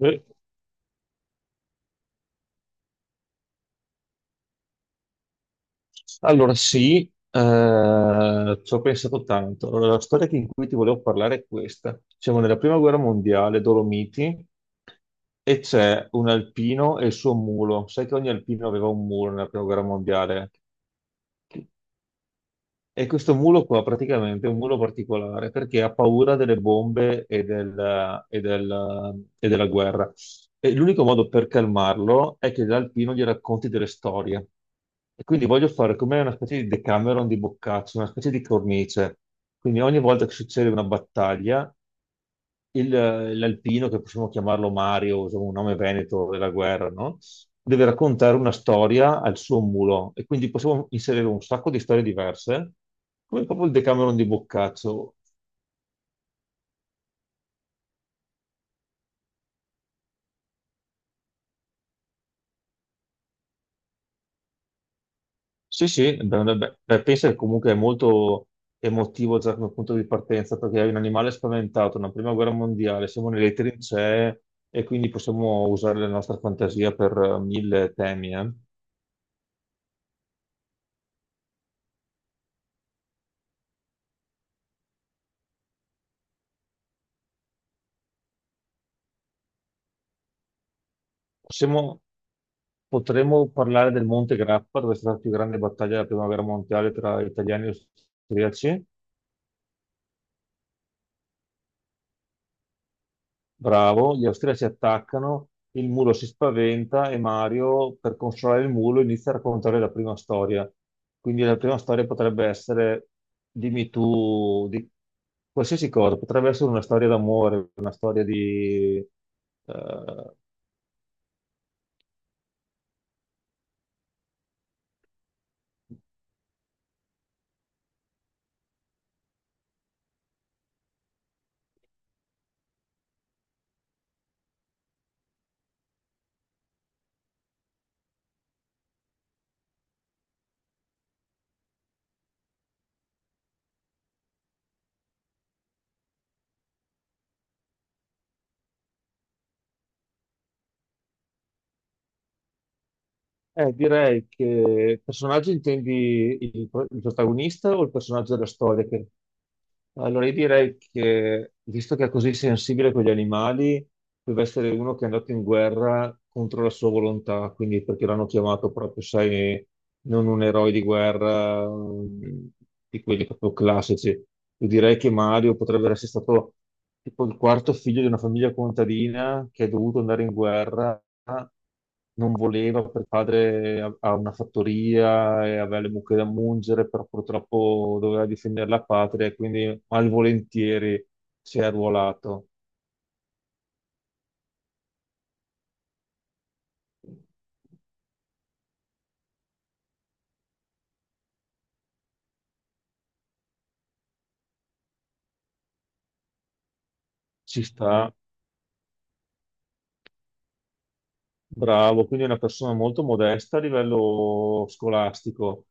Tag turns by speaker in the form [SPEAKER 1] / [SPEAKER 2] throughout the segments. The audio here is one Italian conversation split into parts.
[SPEAKER 1] Eh, Allora, sì, Ci ho pensato tanto. Allora, la storia in cui ti volevo parlare è questa. Siamo nella prima guerra mondiale, Dolomiti, e c'è un alpino e il suo mulo. Sai che ogni alpino aveva un mulo nella prima guerra mondiale? E questo mulo qua praticamente è un mulo particolare perché ha paura delle bombe e della guerra. E l'unico modo per calmarlo è che l'alpino gli racconti delle storie. E quindi voglio fare come una specie di Decameron di Boccaccio, una specie di cornice. Quindi ogni volta che succede una battaglia, il- l'alpino, che possiamo chiamarlo Mario, insomma, un nome veneto della guerra, no? Deve raccontare una storia al suo mulo e quindi possiamo inserire un sacco di storie diverse, come proprio il Decameron di Boccaccio. Sì, sì, beh, beh, beh, beh, penso che comunque è molto emotivo già come punto di partenza, perché è un animale spaventato, una prima guerra mondiale, siamo nelle trincee e quindi possiamo usare la nostra fantasia per mille temi. Possiamo Potremmo parlare del Monte Grappa, dove è stata la più grande battaglia della prima guerra mondiale tra italiani e austriaci. Bravo, gli austriaci attaccano, il mulo si spaventa e Mario, per consolare il mulo, inizia a raccontare la prima storia. Quindi la prima storia potrebbe essere, dimmi tu, di qualsiasi cosa, potrebbe essere una storia d'amore, una storia di... eh, direi che personaggio intendi il protagonista o il personaggio della storia? Allora, io direi che, visto che è così sensibile con gli animali, deve essere uno che è andato in guerra contro la sua volontà, quindi perché l'hanno chiamato proprio, sai, non un eroe di guerra, mm, di quelli proprio classici. Io direi che Mario potrebbe essere stato tipo il quarto figlio di una famiglia contadina che è dovuto andare in guerra non voleva, per padre ha una fattoria e aveva le mucche da mungere, però purtroppo doveva difendere la patria e quindi malvolentieri si è arruolato. Ci sta, bravo, quindi è una persona molto modesta a livello scolastico,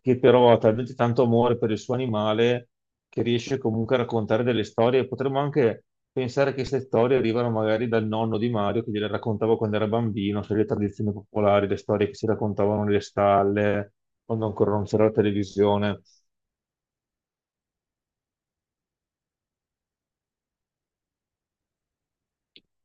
[SPEAKER 1] che però ha talmente tanto amore per il suo animale che riesce comunque a raccontare delle storie. Potremmo anche pensare che queste storie arrivano magari dal nonno di Mario che gliele raccontava quando era bambino, sai, le tradizioni popolari, le storie che si raccontavano nelle stalle, quando ancora non c'era la televisione.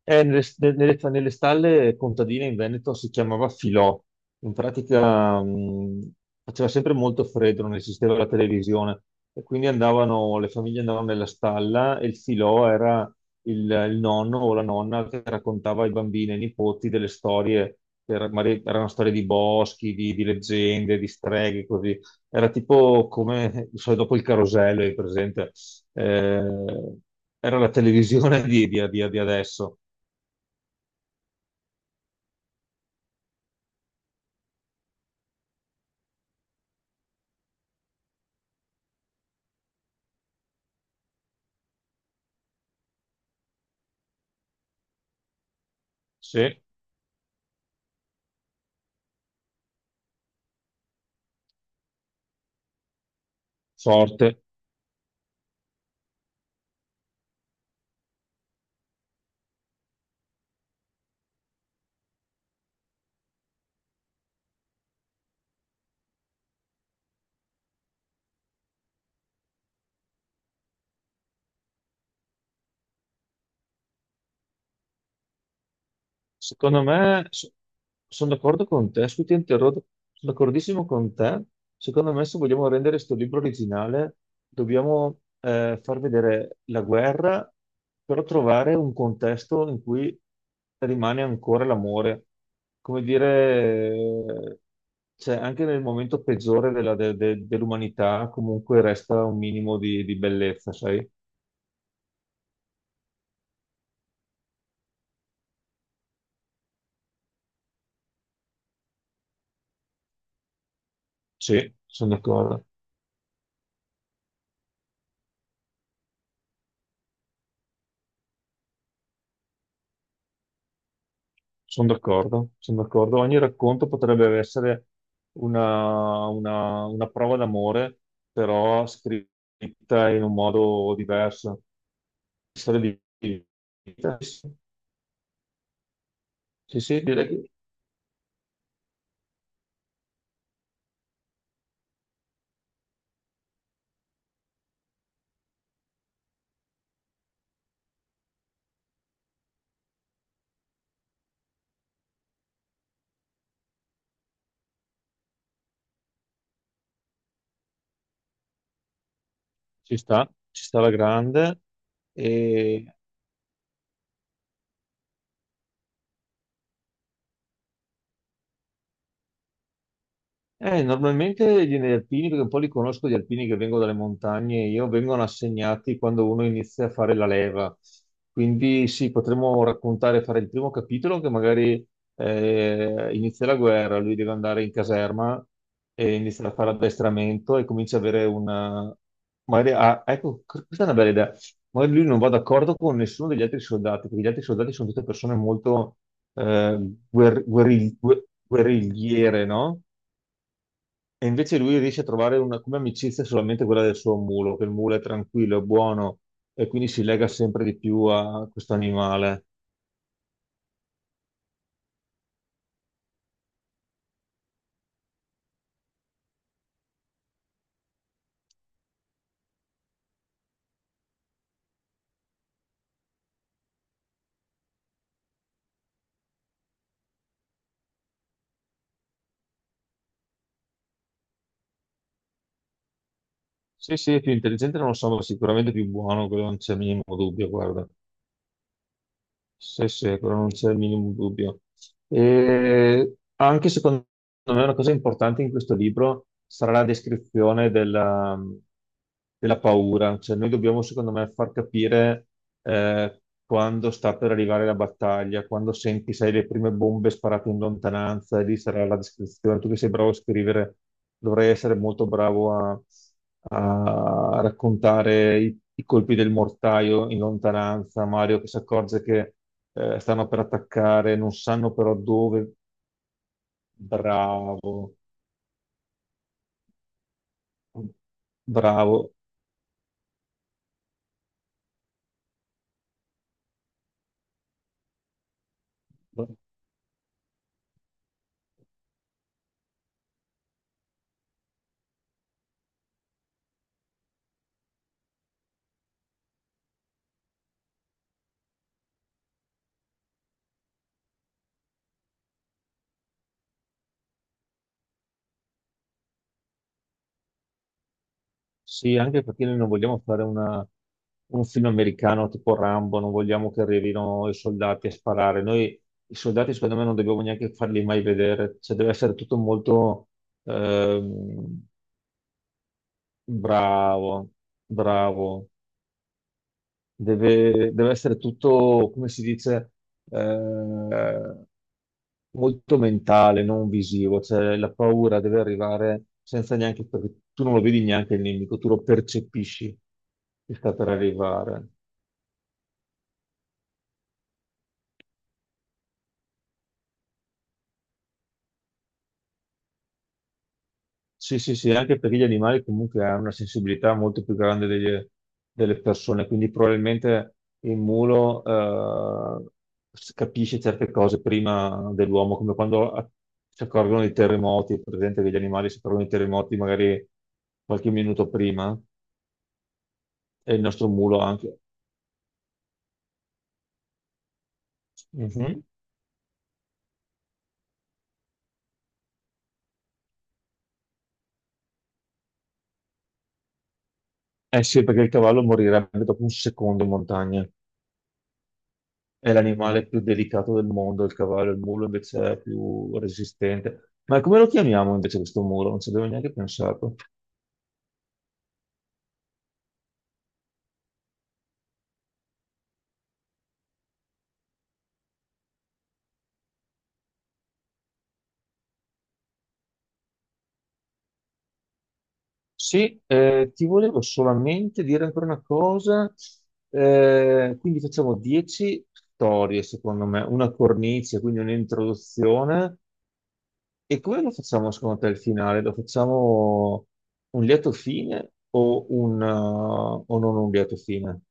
[SPEAKER 1] Eh, nelle, Nelle stalle contadine in Veneto si chiamava Filò. In pratica, faceva sempre molto freddo, non esisteva la televisione e quindi andavano, le famiglie andavano nella stalla e il Filò era il nonno o la nonna che raccontava ai bambini e ai nipoti delle storie, magari erano storie di boschi, di leggende, di streghe, così. Era tipo come, non so, dopo il carosello, è presente? Eh, Era la televisione di adesso. Sì, forte. Secondo me, sono d'accordo con te, scusi, ti interrompo, sono d'accordissimo con te. Secondo me, se vogliamo rendere questo libro originale, dobbiamo far vedere la guerra, però trovare un contesto in cui rimane ancora l'amore. Come dire, cioè, anche nel momento peggiore dell'umanità, comunque resta un minimo di bellezza, sai? Sì, sono d'accordo. Sono d'accordo, sono d'accordo. Ogni racconto potrebbe essere una prova d'amore, però scritta in un modo diverso. Storia di vita. Sì, sì, direi che ci sta alla grande. E normalmente gli alpini, perché un po' li conosco gli alpini che vengono dalle montagne, io vengono assegnati quando uno inizia a fare la leva. Quindi sì, potremmo raccontare, fare il primo capitolo che magari inizia la guerra, lui deve andare in caserma e inizia a fare addestramento e comincia a avere una... Magari, ah, ecco, questa è una bella idea. Magari lui non va d'accordo con nessuno degli altri soldati, perché gli altri soldati sono tutte persone molto eh, guerrigliere, no? E invece lui riesce a trovare una, come amicizia solamente quella del suo mulo, che il mulo è tranquillo, è buono e quindi si lega sempre di più a questo animale. Sì, sì, è più intelligente, non lo so, ma sicuramente più buono, quello non c'è minimo dubbio, guarda. Sì, sì, quello non c'è il minimo dubbio. E anche secondo me una cosa importante in questo libro sarà la descrizione della paura. Cioè, noi dobbiamo, secondo me, far capire quando sta per arrivare la battaglia, quando senti, sai, le prime bombe sparate in lontananza, e lì sarà la descrizione. Tu che sei bravo a scrivere, dovrei essere molto bravo a raccontare i colpi del mortaio in lontananza, Mario che si accorge che stanno per attaccare, non sanno però dove. Bravo, bravo. Sì, anche perché noi non vogliamo fare un film americano tipo Rambo, non vogliamo che arrivino i soldati a sparare. Noi i soldati, secondo me, non dobbiamo neanche farli mai vedere, cioè deve essere tutto molto ehm, bravo, bravo. Deve deve essere tutto, come si dice, eh, molto mentale, non visivo, cioè la paura deve arrivare senza neanche, perché tu non lo vedi neanche il nemico, tu lo percepisci che sta per arrivare. Sì, sì, sì, anche perché gli animali comunque hanno una sensibilità molto più grande delle persone, quindi probabilmente il mulo capisce certe cose prima dell'uomo, come quando si accorgono dei terremoti, è presente che gli animali si accorgono dei terremoti magari qualche minuto prima, e il nostro mulo anche. Mhm. Eh sì, perché il cavallo morirebbe dopo un secondo in montagna. È l'animale più delicato del mondo, il cavallo, il mulo invece è più resistente. Ma come lo chiamiamo invece questo mulo? Non ci avevo neanche pensato. Sì, ti volevo solamente dire ancora una cosa. Quindi facciamo 10 storie, secondo me, una cornice, quindi un'introduzione. E come lo facciamo secondo te il finale? Lo facciamo un lieto fine o non un lieto fine?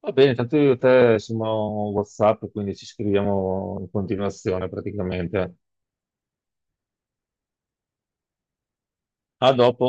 [SPEAKER 1] Va bene, tanto io e te siamo WhatsApp, quindi ci scriviamo in continuazione praticamente. A dopo.